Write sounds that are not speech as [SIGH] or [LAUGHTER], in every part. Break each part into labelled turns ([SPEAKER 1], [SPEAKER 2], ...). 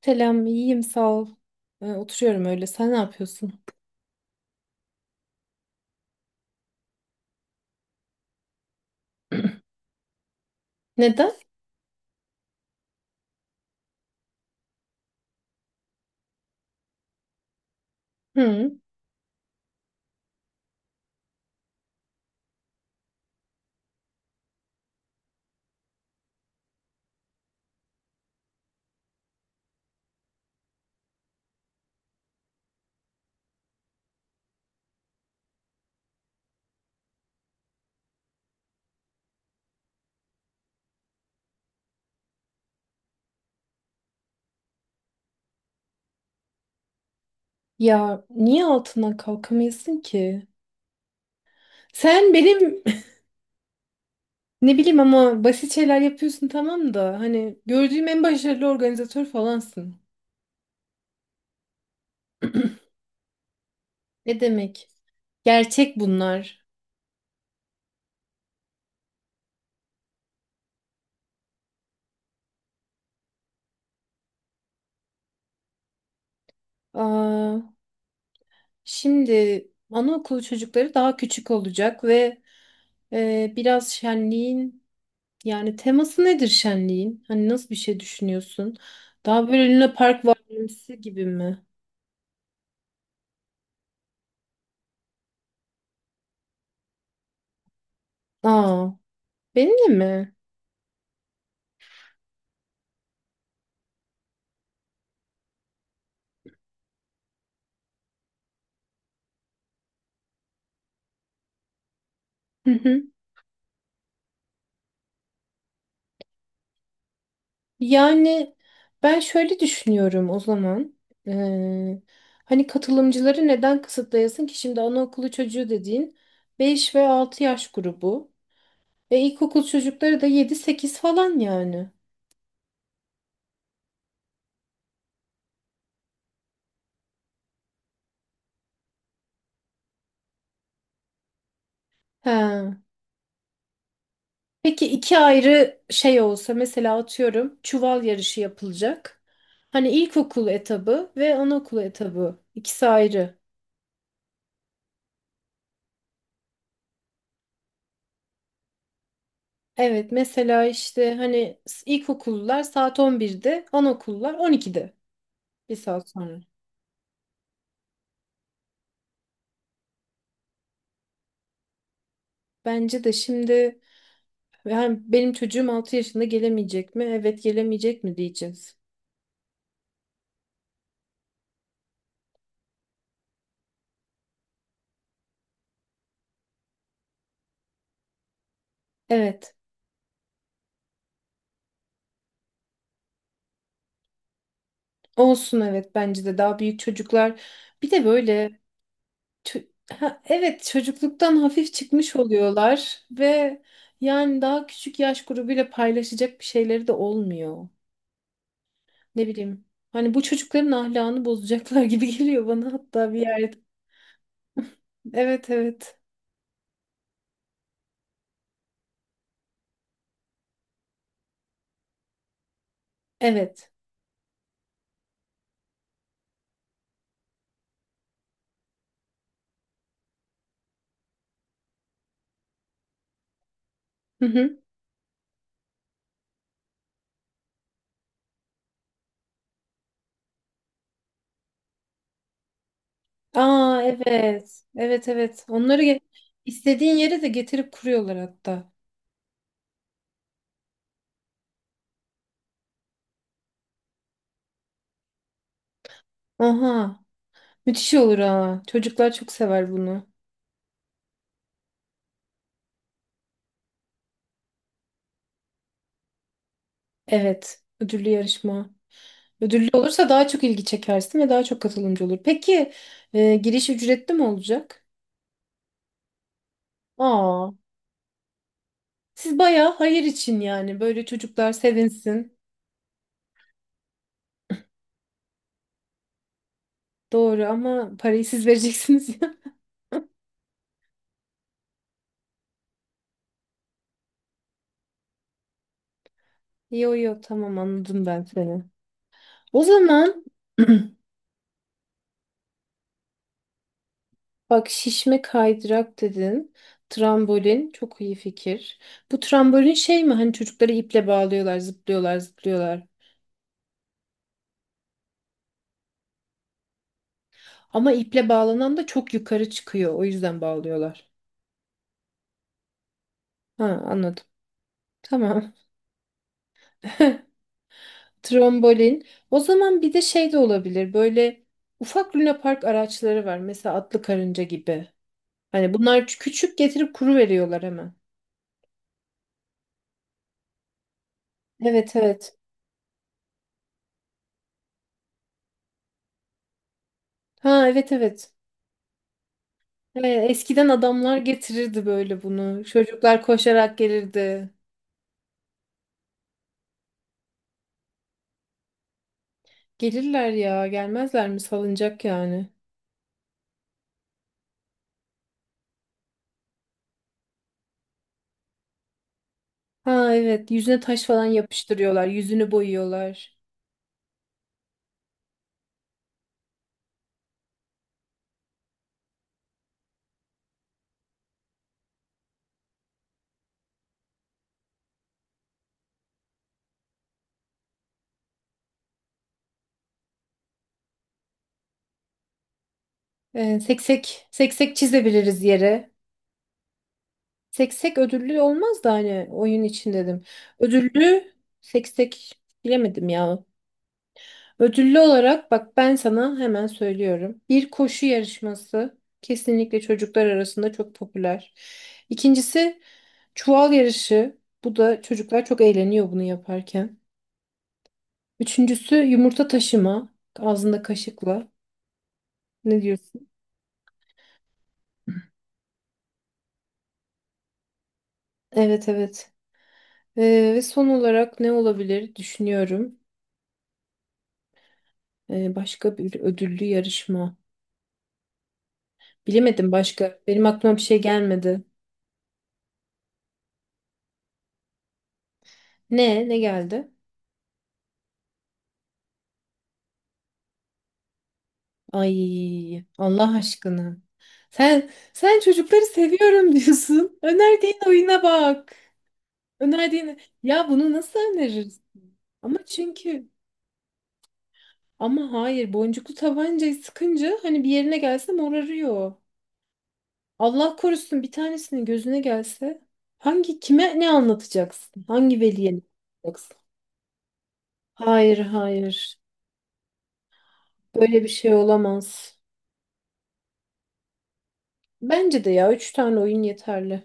[SPEAKER 1] Selam, iyiyim sağ ol. Oturuyorum öyle. Sen ne yapıyorsun? [CLEARS THROAT] Neden? Hı. Ya niye altından kalkamıyorsun ki? Sen benim [CLEARS THROAT] [LAUGHS] ne bileyim, ama basit şeyler yapıyorsun, tamam, da hani gördüğüm en başarılı organizatör falansın. Ne demek? Gerçek bunlar. Aa, şimdi anaokulu çocukları daha küçük olacak ve e, biraz şenliğin Yani teması nedir şenliğin? Hani nasıl bir şey düşünüyorsun? Daha böyle Luna Park varimsi gibi mi? Aa, benimle mi? Hı hı. Yani ben şöyle düşünüyorum o zaman. Ee, hani katılımcıları neden kısıtlayasın ki? Şimdi anaokulu çocuğu dediğin 5 ve 6 yaş grubu. Ve ilkokul çocukları da yedi sekiz falan yani. He. Peki, iki ayrı şey olsa, mesela atıyorum çuval yarışı yapılacak. Hani ilkokul etabı ve anaokulu etabı, ikisi ayrı. Evet, mesela işte hani ilkokullar saat 11'de, anaokullar 12'de, bir saat sonra. Bence de şimdi yani benim çocuğum 6 yaşında gelemeyecek mi? Evet gelemeyecek mi diyeceğiz. Evet. Olsun, evet, bence de daha büyük çocuklar. Bir de böyle Çö- ha, evet, çocukluktan hafif çıkmış oluyorlar ve yani daha küçük yaş grubuyla paylaşacak bir şeyleri de olmuyor. Ne bileyim. Hani bu çocukların ahlakını bozacaklar gibi [LAUGHS] geliyor bana, hatta bir yerde. Evet, evet. Evet. Hı hı. Aa, evet. Evet, evet. Onları istediğin yere de getirip kuruyorlar hatta. Aha. Müthiş olur ha. Çocuklar çok sever bunu. Evet. Ödüllü yarışma. Ödüllü olursa daha çok ilgi çekersin ve daha çok katılımcı olur. Peki, giriş ücretli mi olacak? Aa, siz bayağı hayır için yani, böyle çocuklar sevinsin. Doğru ama parayı siz vereceksiniz ya. [LAUGHS] Yo yo, tamam, anladım ben seni. O zaman [CLEARS THROAT] bak, şişme kaydırak dedin. Trambolin çok iyi fikir. Bu trambolin şey mi, hani çocukları iple bağlıyorlar, zıplıyorlar zıplıyorlar? Ama iple bağlanan da çok yukarı çıkıyor, o yüzden bağlıyorlar. Ha, anladım. Tamam. Trombolin. O zaman bir de şey de olabilir. Böyle ufak lunapark araçları var. Mesela atlı karınca gibi. Hani bunlar küçük, getirip kuru veriyorlar hemen. Evet, evet. Ha, evet, evet. He, eskiden adamlar getirirdi böyle bunu. Çocuklar koşarak gelirdi. Gelirler ya, gelmezler mi? Salınacak yani. Ha evet, yüzüne taş falan yapıştırıyorlar, yüzünü boyuyorlar. Seksek, seksek çizebiliriz yere. Seksek ödüllü olmaz da hani oyun için dedim. Ödüllü seksek bilemedim ya. Ödüllü olarak bak, ben sana hemen söylüyorum. Bir koşu yarışması kesinlikle çocuklar arasında çok popüler. İkincisi çuval yarışı. Bu da, çocuklar çok eğleniyor bunu yaparken. Üçüncüsü yumurta taşıma, ağzında kaşıkla. Ne diyorsun? Evet, evet. Ve son olarak ne olabilir düşünüyorum. Başka bir ödüllü yarışma. Bilemedim başka. Benim aklıma bir şey gelmedi. Ne? Ne geldi? Ay, Allah aşkına. Sen çocukları seviyorum [LAUGHS] diyorsun. Önerdiğin oyuna bak. Önerdiğin, ya bunu nasıl öneririz? Ama çünkü, ama hayır, boncuklu tabancayı sıkınca hani bir yerine gelse morarıyor. Allah korusun bir tanesinin gözüne gelse, hangi kime ne anlatacaksın? Hangi veliye ne anlatacaksın? Hayır, hayır, böyle bir şey olamaz. Bence de ya üç tane oyun yeterli.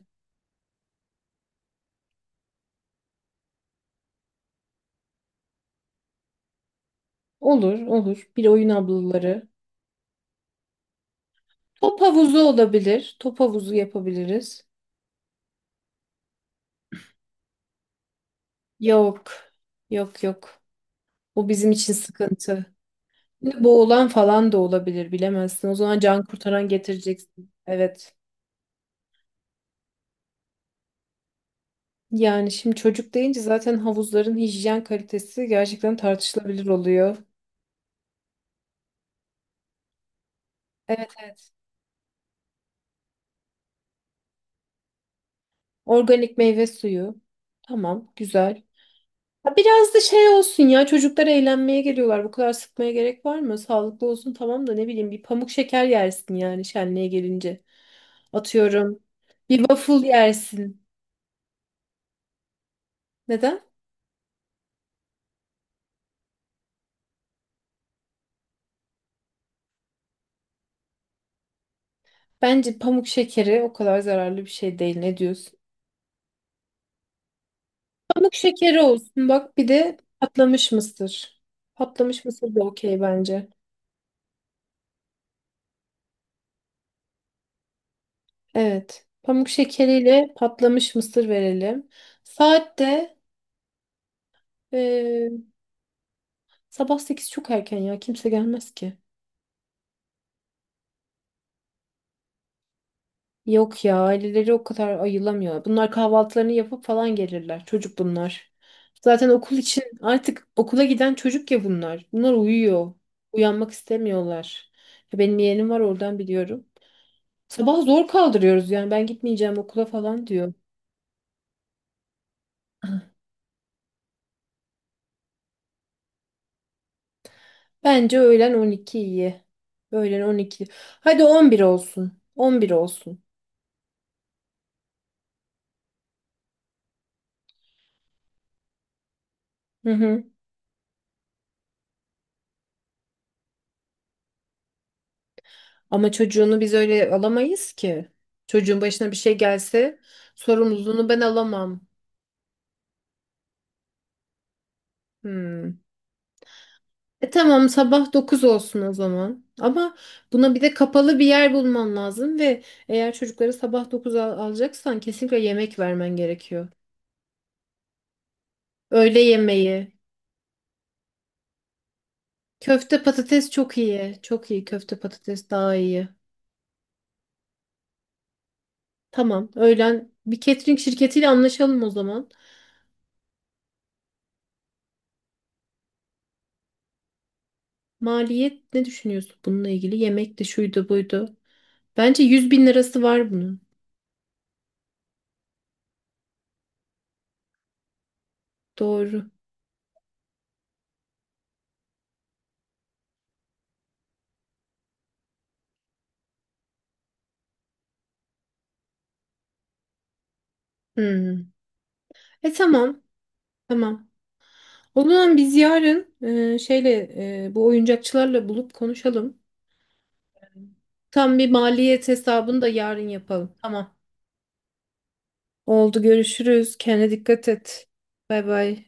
[SPEAKER 1] Olur, olur. Bir oyun ablaları. Top havuzu olabilir. Top havuzu yapabiliriz. Yok. Yok, yok. Bu bizim için sıkıntı. Şimdi boğulan falan da olabilir, bilemezsin. O zaman can kurtaran getireceksin. Evet. Yani şimdi çocuk deyince zaten havuzların hijyen kalitesi gerçekten tartışılabilir oluyor. Evet, evet. Organik meyve suyu. Tamam, güzel. Ha, biraz da şey olsun ya, çocuklar eğlenmeye geliyorlar. Bu kadar sıkmaya gerek var mı? Sağlıklı olsun, tamam, da ne bileyim, bir pamuk şeker yersin yani şenliğe gelince. Atıyorum. Bir waffle yersin. Neden? Bence pamuk şekeri o kadar zararlı bir şey değil. Ne diyorsun? Pamuk şekeri olsun. Bak, bir de patlamış mısır. Patlamış mısır da okey bence. Evet. Pamuk şekeriyle patlamış mısır verelim. Saat de eee, sabah 8 çok erken ya. Kimse gelmez ki. Yok ya, aileleri o kadar ayılamıyor. Bunlar kahvaltılarını yapıp falan gelirler. Çocuk bunlar. Zaten okul için, artık okula giden çocuk ya bunlar. Bunlar uyuyor. Uyanmak istemiyorlar. Ya benim yeğenim var, oradan biliyorum. Sabah zor kaldırıyoruz yani, ben gitmeyeceğim okula falan diyor. [LAUGHS] Bence öğlen 12 iyi. Öğlen 12. Hadi 11 olsun. 11 olsun. Hı hı. Ama çocuğunu biz öyle alamayız ki. Çocuğun başına bir şey gelse sorumluluğunu ben alamam. Hmm. Tamam, sabah 9 olsun o zaman. Ama buna bir de kapalı bir yer bulman lazım ve eğer çocukları sabah 9 alacaksan kesinlikle yemek vermen gerekiyor. Öğle yemeği. Köfte patates çok iyi. Çok iyi, köfte patates daha iyi. Tamam. Öğlen bir catering şirketiyle anlaşalım o zaman. Maliyet ne düşünüyorsun bununla ilgili? Yemek de şuydu buydu. Bence 100 bin lirası var bunun. Doğru. Hmm. Tamam. Tamam. O zaman biz yarın şeyle bu oyuncakçılarla bulup konuşalım. Tam bir maliyet hesabını da yarın yapalım. Tamam. Oldu, görüşürüz. Kendine dikkat et. Bay bay.